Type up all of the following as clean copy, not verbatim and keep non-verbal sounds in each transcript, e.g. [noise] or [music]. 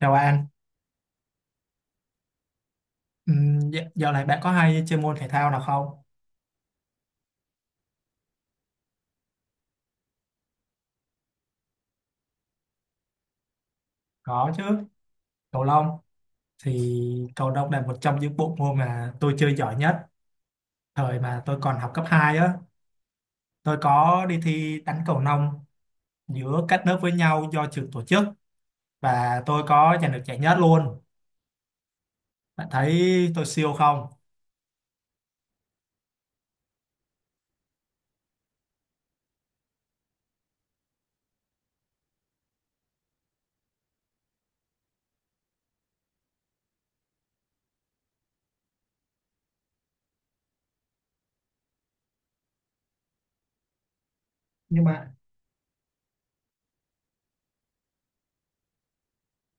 Chào bạn. Dạo này bạn có hay chơi môn thể thao nào không? Có chứ, cầu lông. Thì cầu lông là một trong những bộ môn mà tôi chơi giỏi nhất. Thời mà tôi còn học cấp 2 á, tôi có đi thi đánh cầu lông giữa các lớp với nhau do trường tổ chức, và tôi có giành được giải nhất luôn. Bạn thấy tôi siêu không? Nhưng mà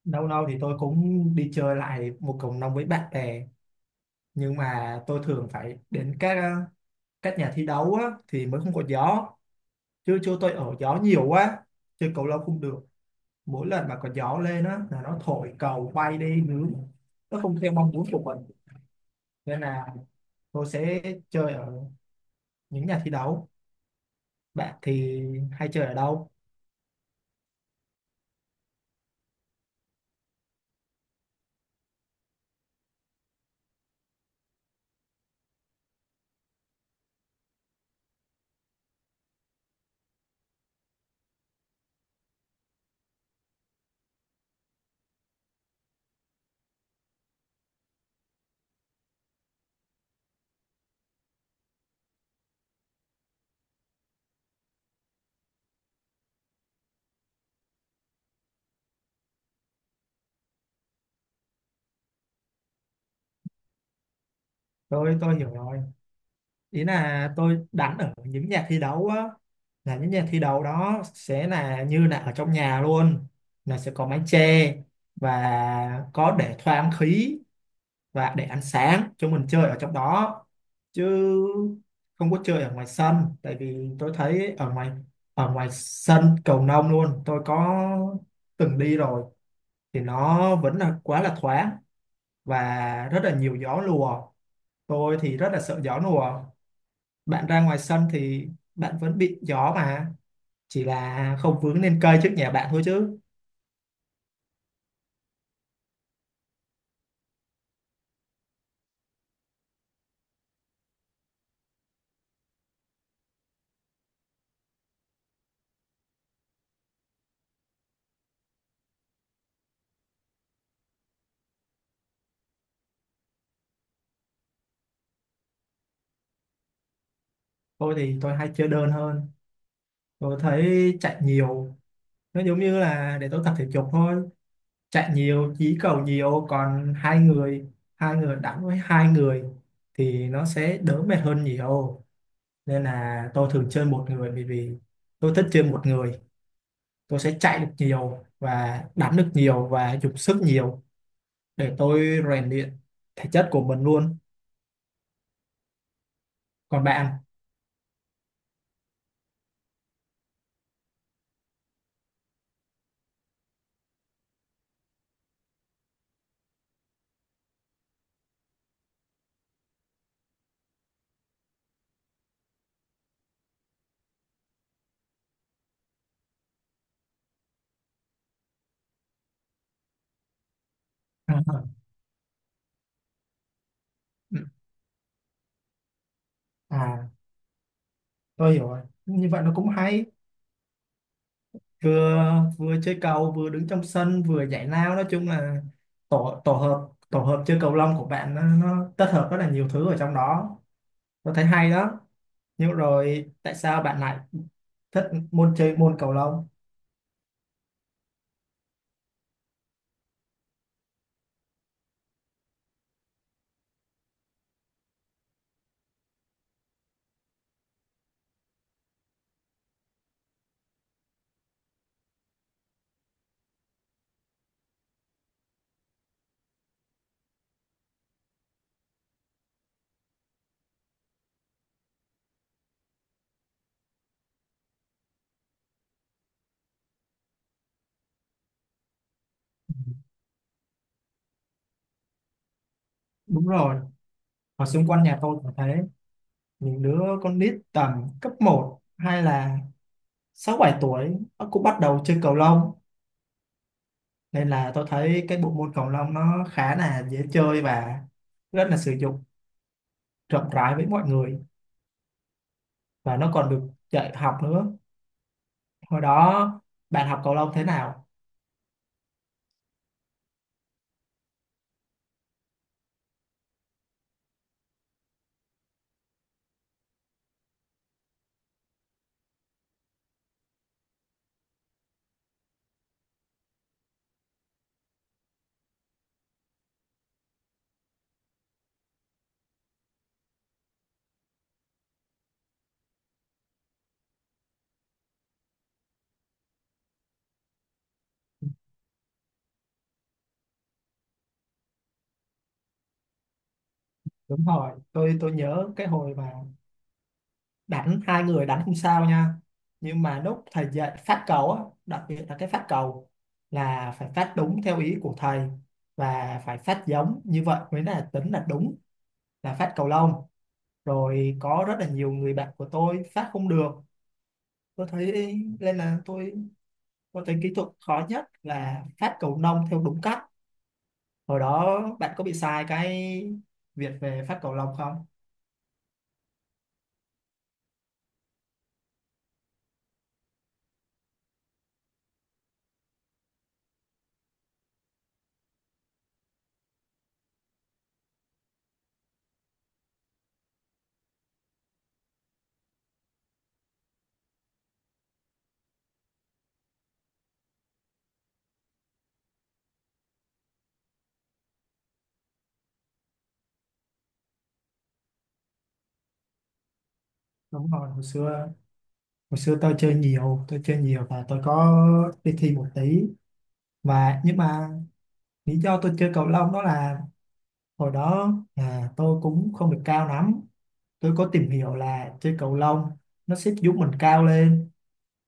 lâu lâu thì tôi cũng đi chơi lại một cầu lông với bạn bè. Nhưng mà tôi thường phải đến các nhà thi đấu á, thì mới không có gió, chứ chỗ tôi ở gió nhiều quá, chơi cầu lâu không được. Mỗi lần mà có gió lên á là nó thổi cầu bay đi nướng, nó không theo mong muốn của mình, nên là tôi sẽ chơi ở những nhà thi đấu. Bạn thì hay chơi ở đâu? Tôi hiểu rồi, ý là tôi đánh ở những nhà thi đấu á, là những nhà thi đấu đó sẽ là như là ở trong nhà luôn, là sẽ có mái che, và có để thoáng khí, và để ăn sáng chúng mình chơi ở trong đó, chứ không có chơi ở ngoài sân. Tại vì tôi thấy ở ngoài, ở ngoài sân cầu lông luôn, tôi có từng đi rồi, thì nó vẫn là quá là thoáng và rất là nhiều gió lùa. Tôi thì rất là sợ gió lùa. Bạn ra ngoài sân thì bạn vẫn bị gió mà, chỉ là không vướng lên cây trước nhà bạn thôi chứ. Tôi thì tôi hay chơi đơn hơn, tôi thấy chạy nhiều nó giống như là để tôi tập thể dục thôi. Chạy nhiều dí cầu nhiều. Còn hai người, hai người đánh với hai người thì nó sẽ đỡ mệt hơn nhiều. Nên là tôi thường chơi một người, bởi vì tôi thích chơi một người, tôi sẽ chạy được nhiều và đánh được nhiều và dùng sức nhiều để tôi rèn luyện thể chất của mình luôn. Còn bạn? [laughs] À, ừ, à, tôi hiểu rồi, như vậy nó cũng hay. Vừa, vừa chơi cầu vừa đứng trong sân vừa nhảy lao, nói chung là tổ tổ hợp chơi cầu lông của bạn nó kết hợp rất là nhiều thứ ở trong đó. Tôi thấy hay đó. Nhưng rồi tại sao bạn lại thích môn, chơi môn cầu lông? Đúng rồi, ở xung quanh nhà tôi cũng thế, những đứa con nít tầm cấp 1 hay là 6-7 tuổi nó cũng bắt đầu chơi cầu lông. Nên là tôi thấy cái bộ môn cầu lông nó khá là dễ chơi và rất là sử dụng rộng rãi với mọi người, và nó còn được dạy học nữa. Hồi đó bạn học cầu lông thế nào? Đúng rồi, tôi nhớ cái hồi mà đánh hai người, đánh không sao nha, nhưng mà lúc thầy dạy phát cầu á, đặc biệt là cái phát cầu là phải phát đúng theo ý của thầy, và phải phát giống như vậy mới là tính là đúng, là phát cầu lông. Rồi có rất là nhiều người bạn của tôi phát không được, tôi thấy. Nên là tôi thấy kỹ thuật khó nhất là phát cầu lông theo đúng cách. Hồi đó bạn có bị sai cái việc về phát cầu lông không? Đúng rồi, hồi xưa tôi chơi nhiều, và tôi có đi thi một tí. Và nhưng mà lý do tôi chơi cầu lông đó là, hồi đó tôi cũng không được cao lắm. Tôi có tìm hiểu là chơi cầu lông nó sẽ giúp mình cao lên,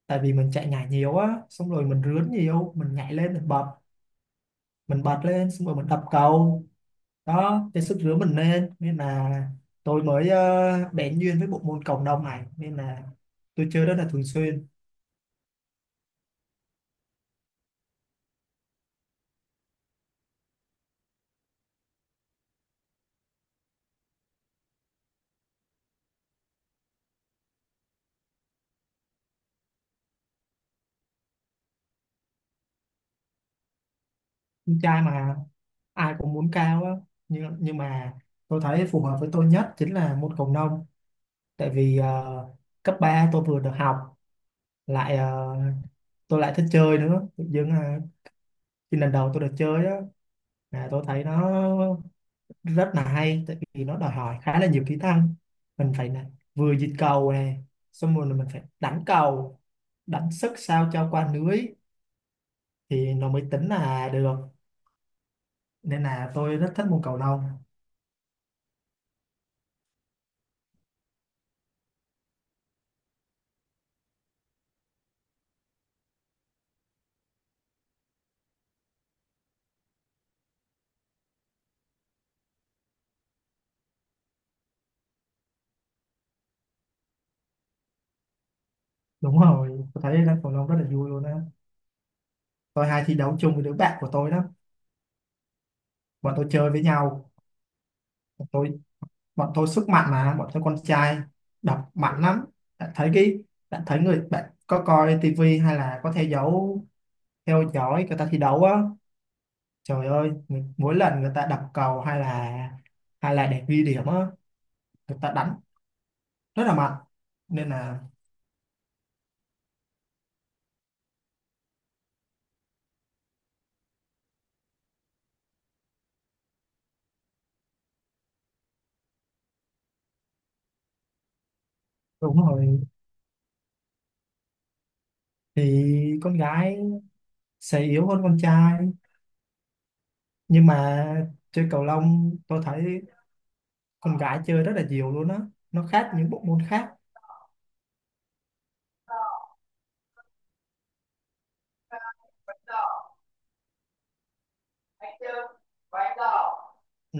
tại vì mình chạy nhảy nhiều á, xong rồi mình rướn nhiều, mình nhảy lên, mình bật, mình bật lên xong rồi mình đập cầu đó, cái sức rửa mình lên. Nên là tôi mới bén duyên với bộ môn cộng đồng này, nên là tôi chơi rất là thường xuyên. Con trai mà, ai cũng muốn cao á. Nhưng mà tôi thấy phù hợp với tôi nhất chính là môn cầu lông. Tại vì cấp 3 tôi vừa được học lại, tôi lại thích chơi nữa. Tự dưng là khi lần đầu tôi được chơi á, là tôi thấy nó rất là hay, tại vì nó đòi hỏi khá là nhiều kỹ năng. Mình phải là vừa dịch cầu này, xong rồi là mình phải đánh cầu, đánh sức sao cho qua lưới, thì nó mới tính là được. Nên là tôi rất thích môn cầu lông. Đúng rồi, tôi thấy đánh cầu lông rất là vui luôn á. Tôi hay thi đấu chung với đứa bạn của tôi đó, bọn tôi chơi với nhau. Bọn tôi bọn tôi sức mạnh mà, bọn tôi con trai, đập mạnh lắm. Bạn thấy cái, bạn thấy người, bạn có coi tivi hay là có theo dõi người ta thi đấu á? Trời ơi, mỗi lần người ta đập cầu hay là, để ghi điểm á, người ta đánh rất là mạnh nên là. Đúng rồi, thì con gái sẽ yếu hơn con trai, nhưng mà chơi cầu lông tôi thấy con gái chơi rất là nhiều luôn á, nó khác những bộ môn khác. Ừ,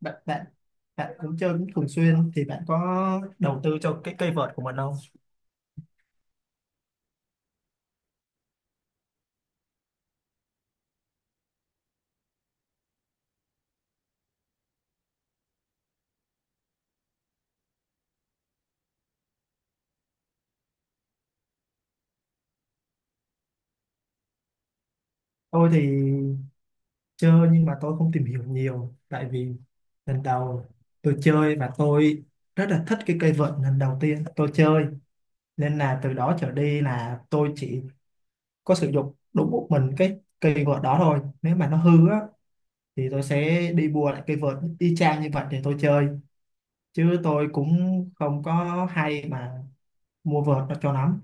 bạn bạn bạn cũng chơi cũng thường xuyên, thì bạn có đầu tư cho cái cây vợt của mình không? Tôi thì chưa, nhưng mà tôi không tìm hiểu nhiều, tại vì lần đầu tôi chơi và tôi rất là thích cái cây vợt lần đầu tiên tôi chơi, nên là từ đó trở đi là tôi chỉ có sử dụng đúng một mình cái cây vợt đó thôi. Nếu mà nó hư á, thì tôi sẽ đi mua lại cây vợt y chang như vậy để tôi chơi, chứ tôi cũng không có hay mà mua vợt nó cho lắm.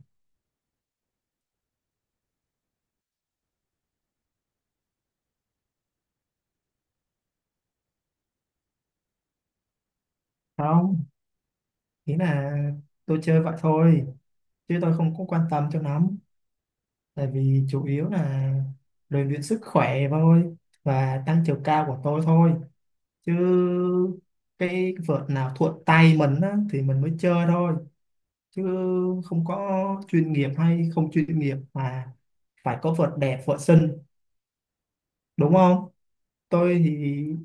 Không, nghĩa là tôi chơi vậy thôi, chứ tôi không có quan tâm cho lắm. Tại vì chủ yếu là rèn luyện sức khỏe thôi, và tăng chiều cao của tôi thôi. Chứ cái vợt nào thuận tay mình á, thì mình mới chơi thôi. Chứ không có chuyên nghiệp hay không chuyên nghiệp mà phải có vợt đẹp vợt xinh, đúng không? Tôi thì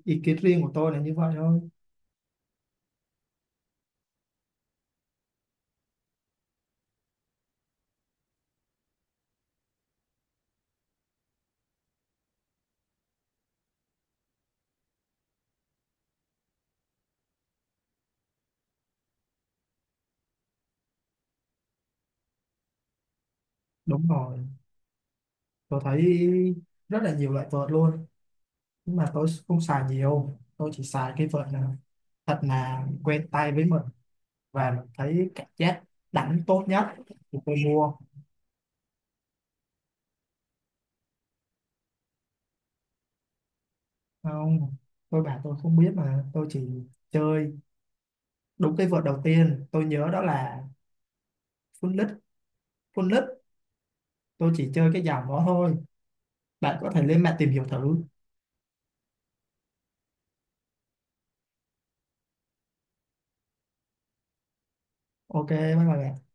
ý kiến riêng của tôi là như vậy thôi. Đúng rồi, tôi thấy rất là nhiều loại vợt luôn, nhưng mà tôi không xài nhiều. Tôi chỉ xài cái vợt nào thật là quen tay với mình và mình thấy cảm giác đánh tốt nhất thì tôi mua. Không, tôi bảo tôi không biết mà, tôi chỉ chơi đúng. Cái vợt đầu tiên tôi nhớ đó là full lít, full lít. Tôi chỉ chơi cái dòng đó thôi, bạn có thể lên mạng tìm hiểu thử. Ok, bye bye bạn.